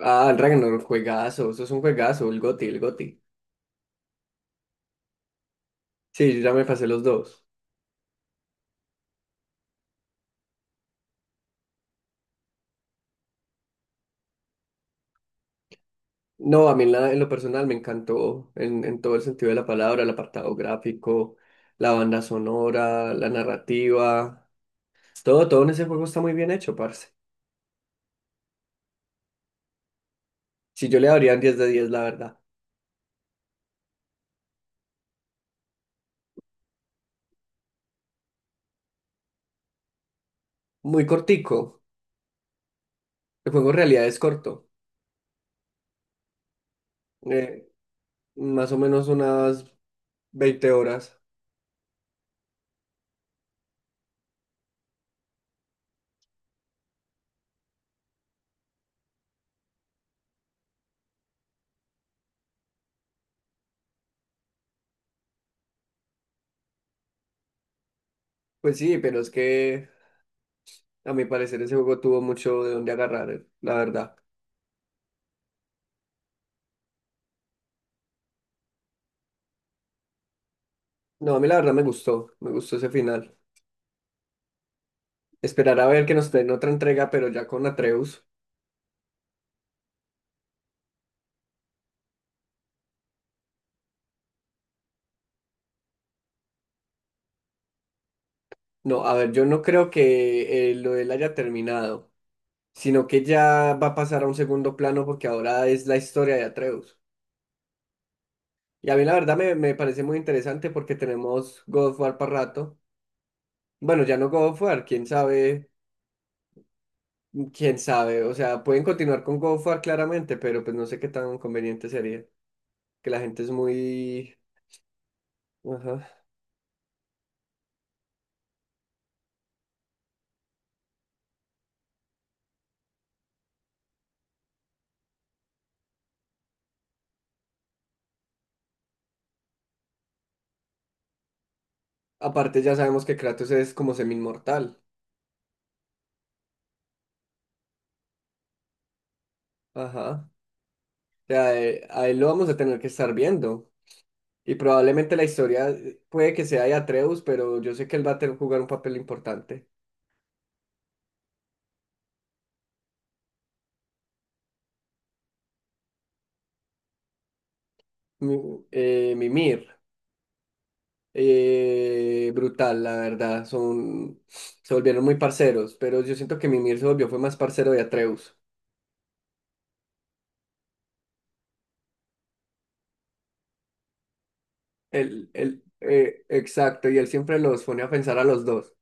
Ah, el Ragnarok, juegazo, eso es un juegazo, el GOTY, el GOTY. Sí, yo ya me pasé los dos. No, a mí en lo personal me encantó, en todo el sentido de la palabra, el apartado gráfico, la banda sonora, la narrativa, todo en ese juego está muy bien hecho, parce. Si yo le daría un 10 de diez, la verdad. Muy cortico, el juego en realidad es corto, eh, más o menos unas 20 horas. Pues sí, pero es que a mi parecer ese juego tuvo mucho de dónde agarrar, la verdad. No, a mí la verdad me gustó ese final. Esperar a ver que nos den otra entrega, pero ya con Atreus. No, a ver, yo no creo que lo de él haya terminado, sino que ya va a pasar a un segundo plano porque ahora es la historia de Atreus. Y a mí la verdad me parece muy interesante porque tenemos God of War para rato. Bueno, ya no God of War, quién sabe, quién sabe. O sea, pueden continuar con God of War claramente, pero pues no sé qué tan conveniente sería. Que la gente es muy... Ajá. Aparte ya sabemos que Kratos es como semi-inmortal. Ajá. Ya, a él lo vamos a tener que estar viendo. Y probablemente la historia puede que sea de Atreus, pero yo sé que él va a tener que jugar un papel importante. Mimir. Brutal, la verdad. Se volvieron muy parceros, pero yo siento que Mimir se volvió fue más parcero de Atreus. Él, exacto, y él siempre los pone a pensar a los dos.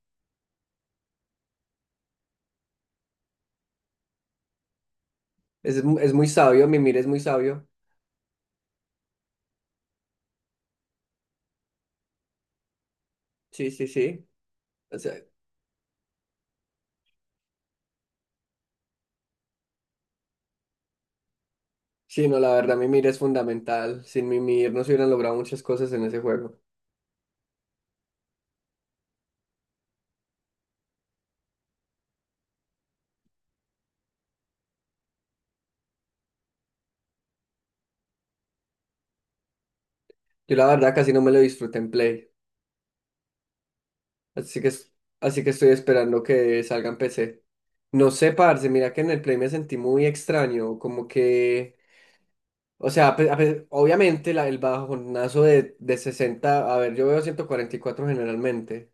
Es, es muy sabio, Mimir es muy sabio. Sí, sí, sí. Sí, no, la verdad, Mimir es fundamental. Sin Mimir no se hubieran logrado muchas cosas en ese juego. Yo la verdad casi no me lo disfruté en Play. Así que, así que estoy esperando que salga en PC. No sé, parce, mira que en el Play me sentí muy extraño. Como que, o sea, obviamente el bajonazo de 60, a ver, yo veo 144 generalmente.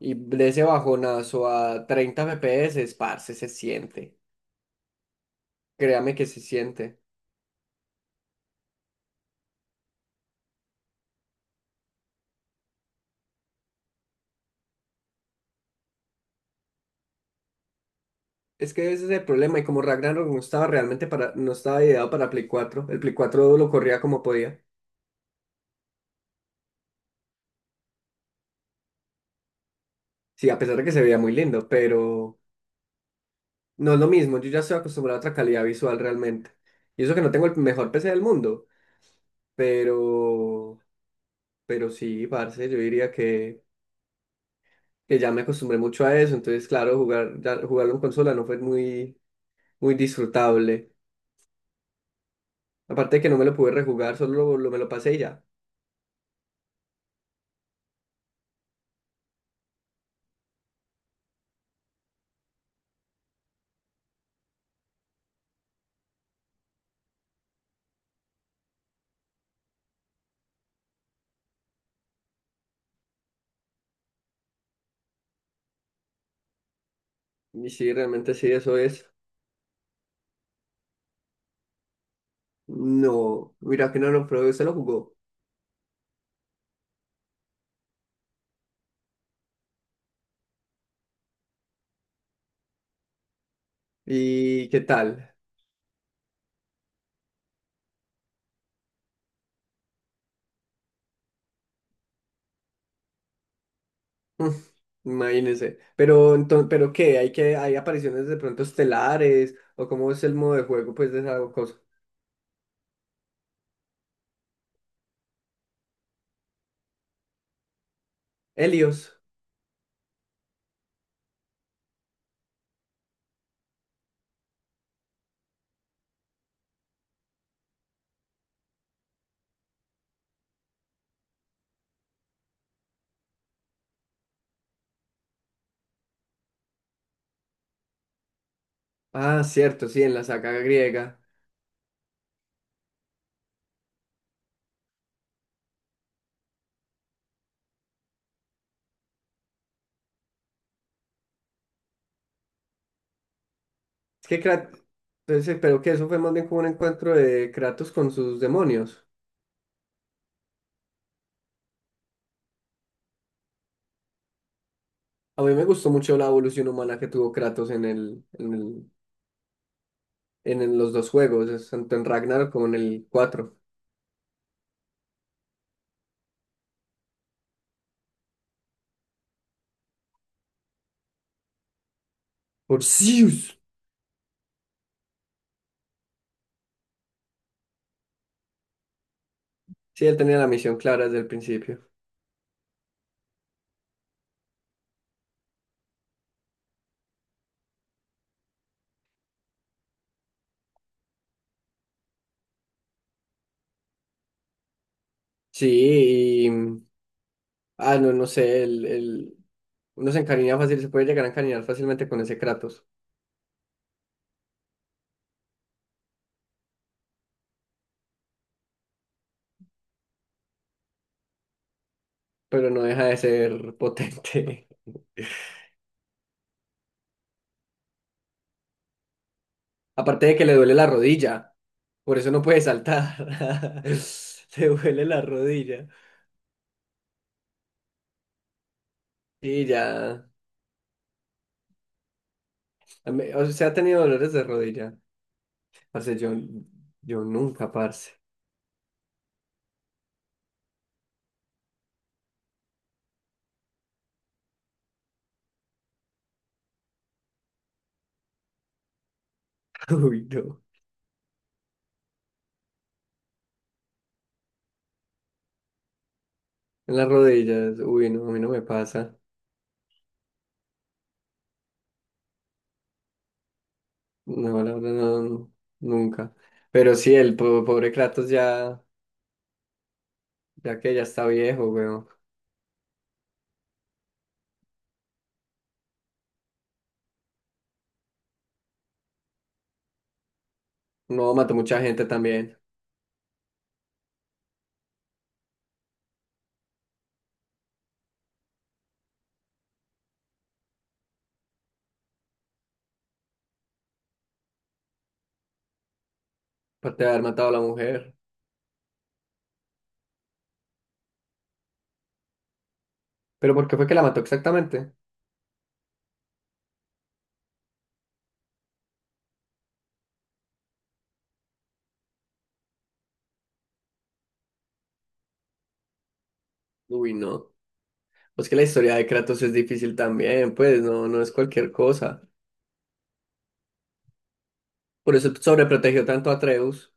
Y de ese bajonazo a 30 FPS, parce, se siente. Créame que se siente. Es que ese es el problema, y como Ragnarok no estaba realmente para, no estaba ideado para Play cuatro, el Play 4 lo corría como podía. Sí, a pesar de que se veía muy lindo, pero no es lo mismo, yo ya estoy acostumbrado a otra calidad visual realmente. Y eso que no tengo el mejor PC del mundo, pero, pero sí, parce, yo diría que ya me acostumbré mucho a eso, entonces claro, jugarlo en consola no fue muy, muy disfrutable. Aparte de que no me lo pude rejugar, me lo pasé y ya. Y sí, realmente sí, eso es. No, mira que no lo probé, se lo jugó. ¿Y qué tal? Mm, imagínense. Pero, entonces, ¿pero qué? ¿Hay que, hay apariciones de pronto estelares? ¿O cómo es el modo de juego, pues, de esa cosa? Helios. Ah, cierto, sí, en la saga griega. Es que Kratos... Entonces, pero que eso fue más bien como un encuentro de Kratos con sus demonios. A mí me gustó mucho la evolución humana que tuvo Kratos en los dos juegos, es tanto en Ragnarok como en el 4. Orsius. Sí, él tenía la misión clara desde el principio. Sí, y... mm, ah, no, no sé, uno se encariña fácil, se puede llegar a encariñar fácilmente con ese Kratos, pero no deja de ser potente. Aparte de que le duele la rodilla, por eso no puede saltar. Le duele la rodilla. Sí, ya. A mí... O sea, ha tenido dolores de rodilla. Parce, yo nunca, parce. Uy, no. En las rodillas, uy, no, a mí no me pasa. No, la verdad, no, no, nunca. Pero sí, el pobre Kratos ya, ya que ya está viejo, weón. No, mató mucha gente también, aparte de haber matado a la mujer. ¿Pero por qué fue que la mató exactamente? Uy, no. Pues que la historia de Kratos es difícil también, pues, no, no es cualquier cosa. Por eso sobreprotegió tanto a Atreus.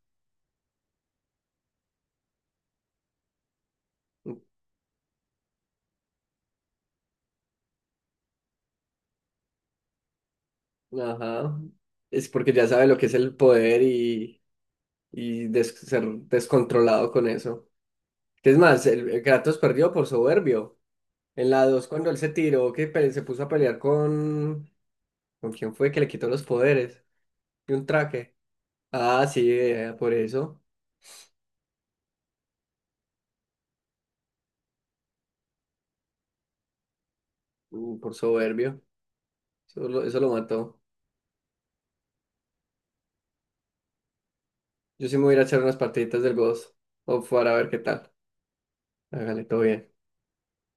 Ajá. Es porque ya sabe lo que es el poder y, ser descontrolado con eso. ¿Es más? El Kratos perdió por soberbio. En la 2 cuando él se tiró, se puso a pelear con... ¿Con quién fue que le quitó los poderes? Y un traje. Ah, sí, por eso. Mm, por soberbio. Eso lo mató. Yo sí me voy a ir a echar unas partiditas del Ghost of War a ver qué tal. Hágale, todo bien.